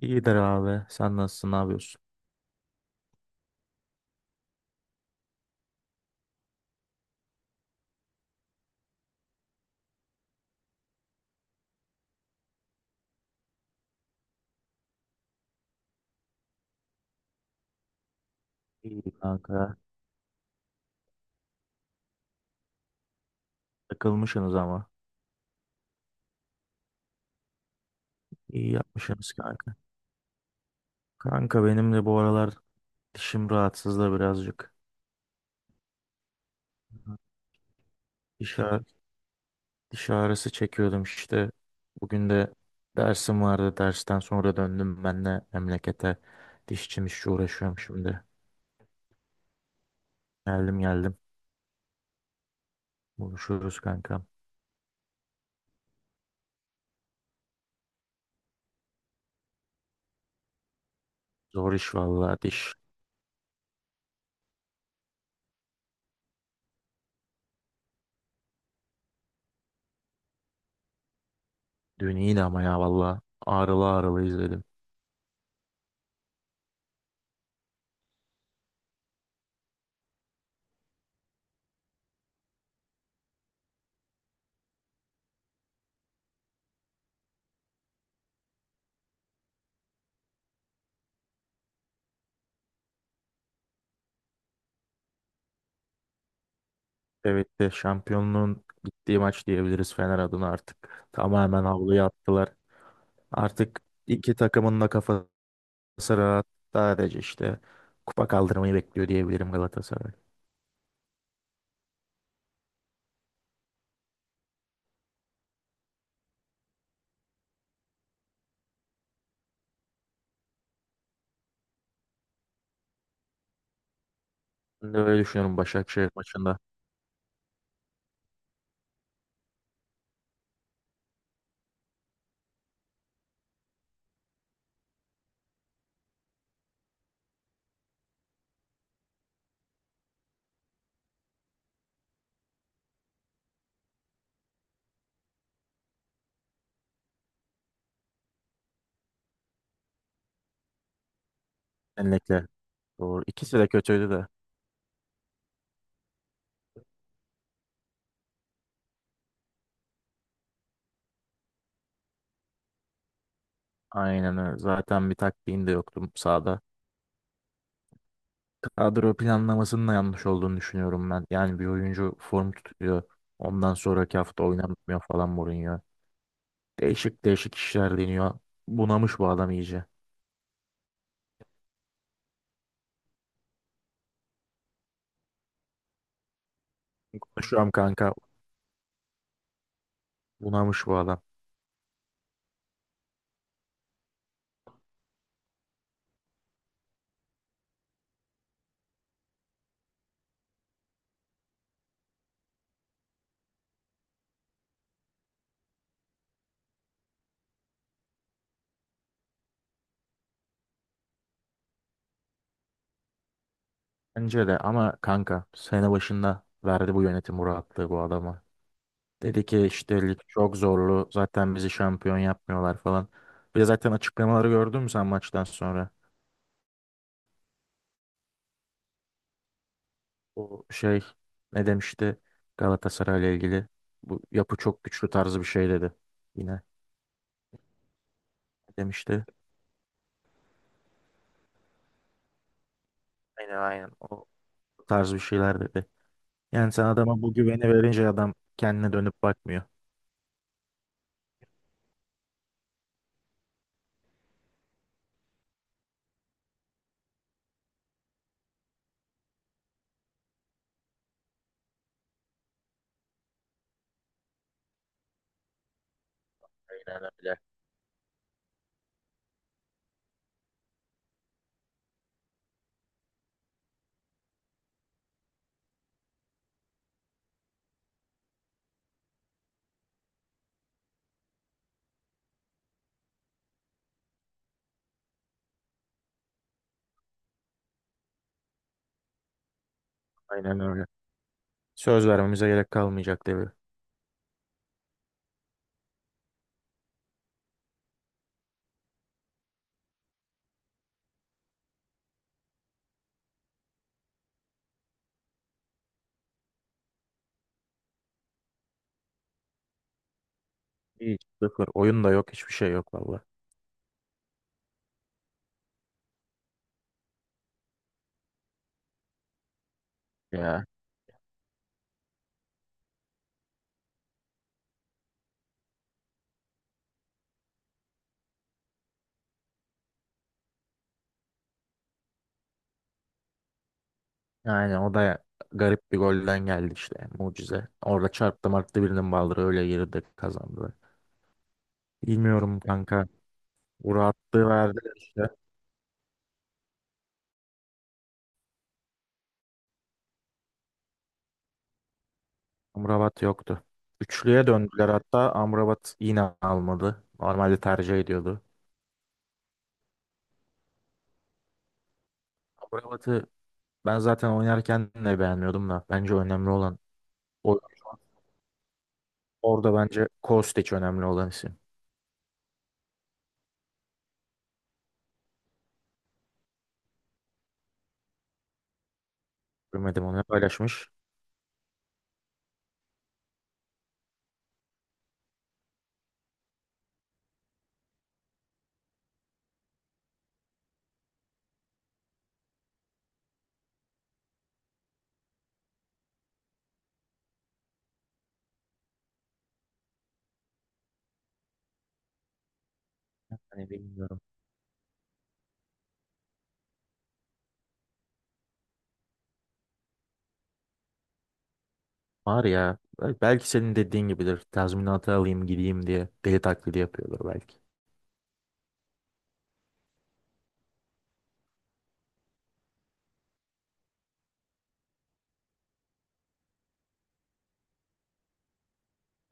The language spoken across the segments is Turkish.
İyidir abi. Sen nasılsın? Ne yapıyorsun? İyi kanka. Takılmışsınız ama. İyi yapmışsınız kanka. Kanka benim de bu aralar dişim rahatsız da birazcık. Diş, ağ- Diş ağrısı çekiyordum işte. Bugün de dersim vardı. Dersten sonra döndüm ben de memlekete. Dişçim işçi uğraşıyorum şimdi. Geldim. Buluşuruz kanka. Zor iş vallahi diş. Dün iyiydi ama ya vallahi ağrılı ağrılı izledim. Evet de şampiyonluğun gittiği maç diyebiliriz Fener adına artık. Tamamen havluya attılar. Artık iki takımın da kafası rahat. Sadece işte kupa kaldırmayı bekliyor diyebilirim Galatasaray. Ben de öyle düşünüyorum Başakşehir maçında. Genellikle doğru. İkisi de kötüydü de. Aynen öyle. Zaten bir taktiğin de yoktu sahada. Kadro planlamasının da yanlış olduğunu düşünüyorum ben. Yani bir oyuncu form tutuyor. Ondan sonraki hafta oynamıyor falan Mourinho. Değişik değişik işler deniyor. Bunamış bu adam iyice. Konuşuyorum kanka. Bunamış bu adam. Bence de ama kanka sene başında verdi bu yönetim bu rahatlığı bu adama. Dedi ki işte lig çok zorlu. Zaten bizi şampiyon yapmıyorlar falan. Bir de zaten açıklamaları gördün mü sen maçtan sonra? O şey ne demişti Galatasaray'la ilgili? Bu yapı çok güçlü tarzı bir şey dedi. Yine demişti. Aynen, o tarz bir şeyler dedi. Yani sen adama bu güveni verince adam kendine dönüp bakmıyor. Aynen öyle. Aynen öyle. Söz vermemize gerek kalmayacak tabii. Hiç sıfır. Oyun da yok. Hiçbir şey yok valla. Ya. Yani o da garip bir golden geldi işte. Mucize. Orada çarptı marttı birinin baldırı öyle girdi kazandı. Bilmiyorum kanka. Burak attı verdi işte. Amrabat yoktu. Üçlüye döndüler hatta. Amrabat yine almadı. Normalde tercih ediyordu. Amrabat'ı ben zaten oynarken de beğenmiyordum da. Bence önemli olan. o- Orada bence Kostic önemli olan isim. Görmedim onu paylaşmış. Hani bilmiyorum. Var ya. Belki senin dediğin gibidir. Tazminatı alayım gideyim diye deli taklidi yapıyordur belki.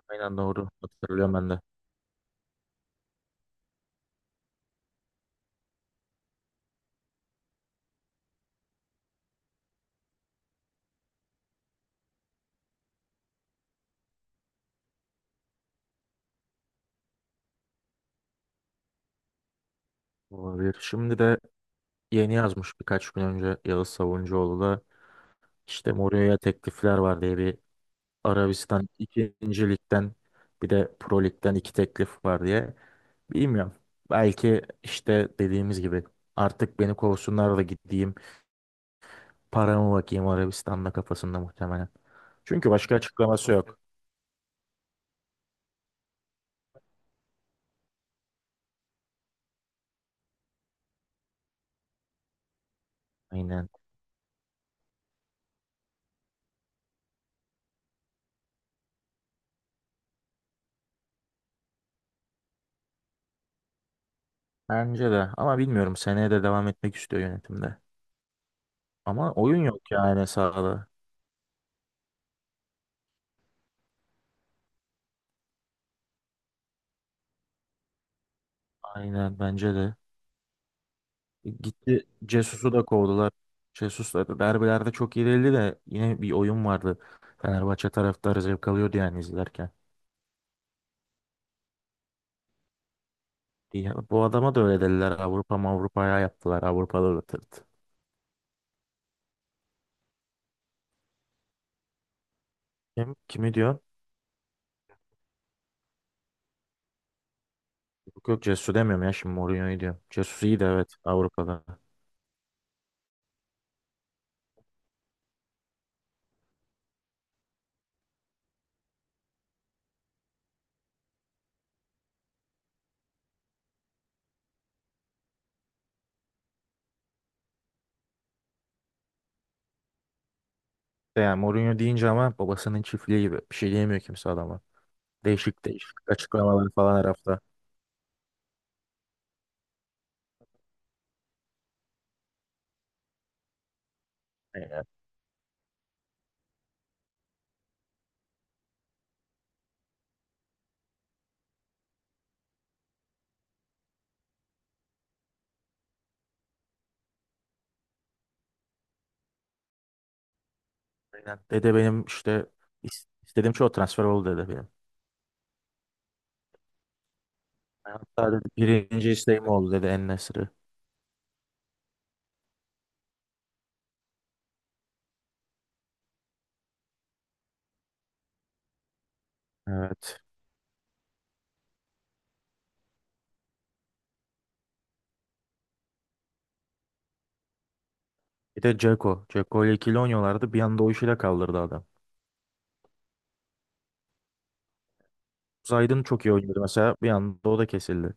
Aynen doğru. Hatırlıyorum ben de. Olabilir. Şimdi de yeni yazmış birkaç gün önce Yağız Savuncuoğlu da işte Mourinho'ya teklifler var diye bir Arabistan 2. Lig'den bir de Pro Lig'den iki teklif var diye. Bilmiyorum. Belki işte dediğimiz gibi artık beni kovsunlar da gideyim. Paramı bakayım Arabistan'da kafasında muhtemelen. Çünkü başka açıklaması yok. Aynen. Bence de. Ama bilmiyorum. Seneye de devam etmek istiyor yönetimde. Ama oyun yok yani sahada. Aynen bence de. Gitti Cesus'u da kovdular. Jesus da derbilerde çok iyi değildi de yine bir oyun vardı. Fenerbahçe taraftarı zevk alıyordu yani izlerken. Bu adama da öyle dediler. Avrupa'ya yaptılar. Avrupa'da da tırt. Kimi diyor? Yok yok Cesus'u demiyorum ya, şimdi Mourinho'yu diyorum. Jesus iyi de evet Avrupa'da. De yani Mourinho deyince ama babasının çiftliği gibi. Bir şey diyemiyor kimse adama. Değişik değişik açıklamalar falan her hafta. Aynen. Aynen. Dede benim işte istediğim çoğu transfer oldu dedi benim. Hatta dedi, birinci isteğim oldu dedi En-Nesyri. Evet. Bir de Dzeko. Dzeko ile ikili oynuyorlardı. Bir anda o işi de kaldırdı adam. Zaydın çok iyi oynuyordu mesela. Bir anda o da kesildi.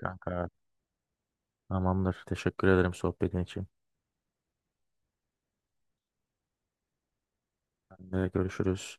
Kanka. Tamamdır. Teşekkür ederim sohbetin için. Ben de görüşürüz.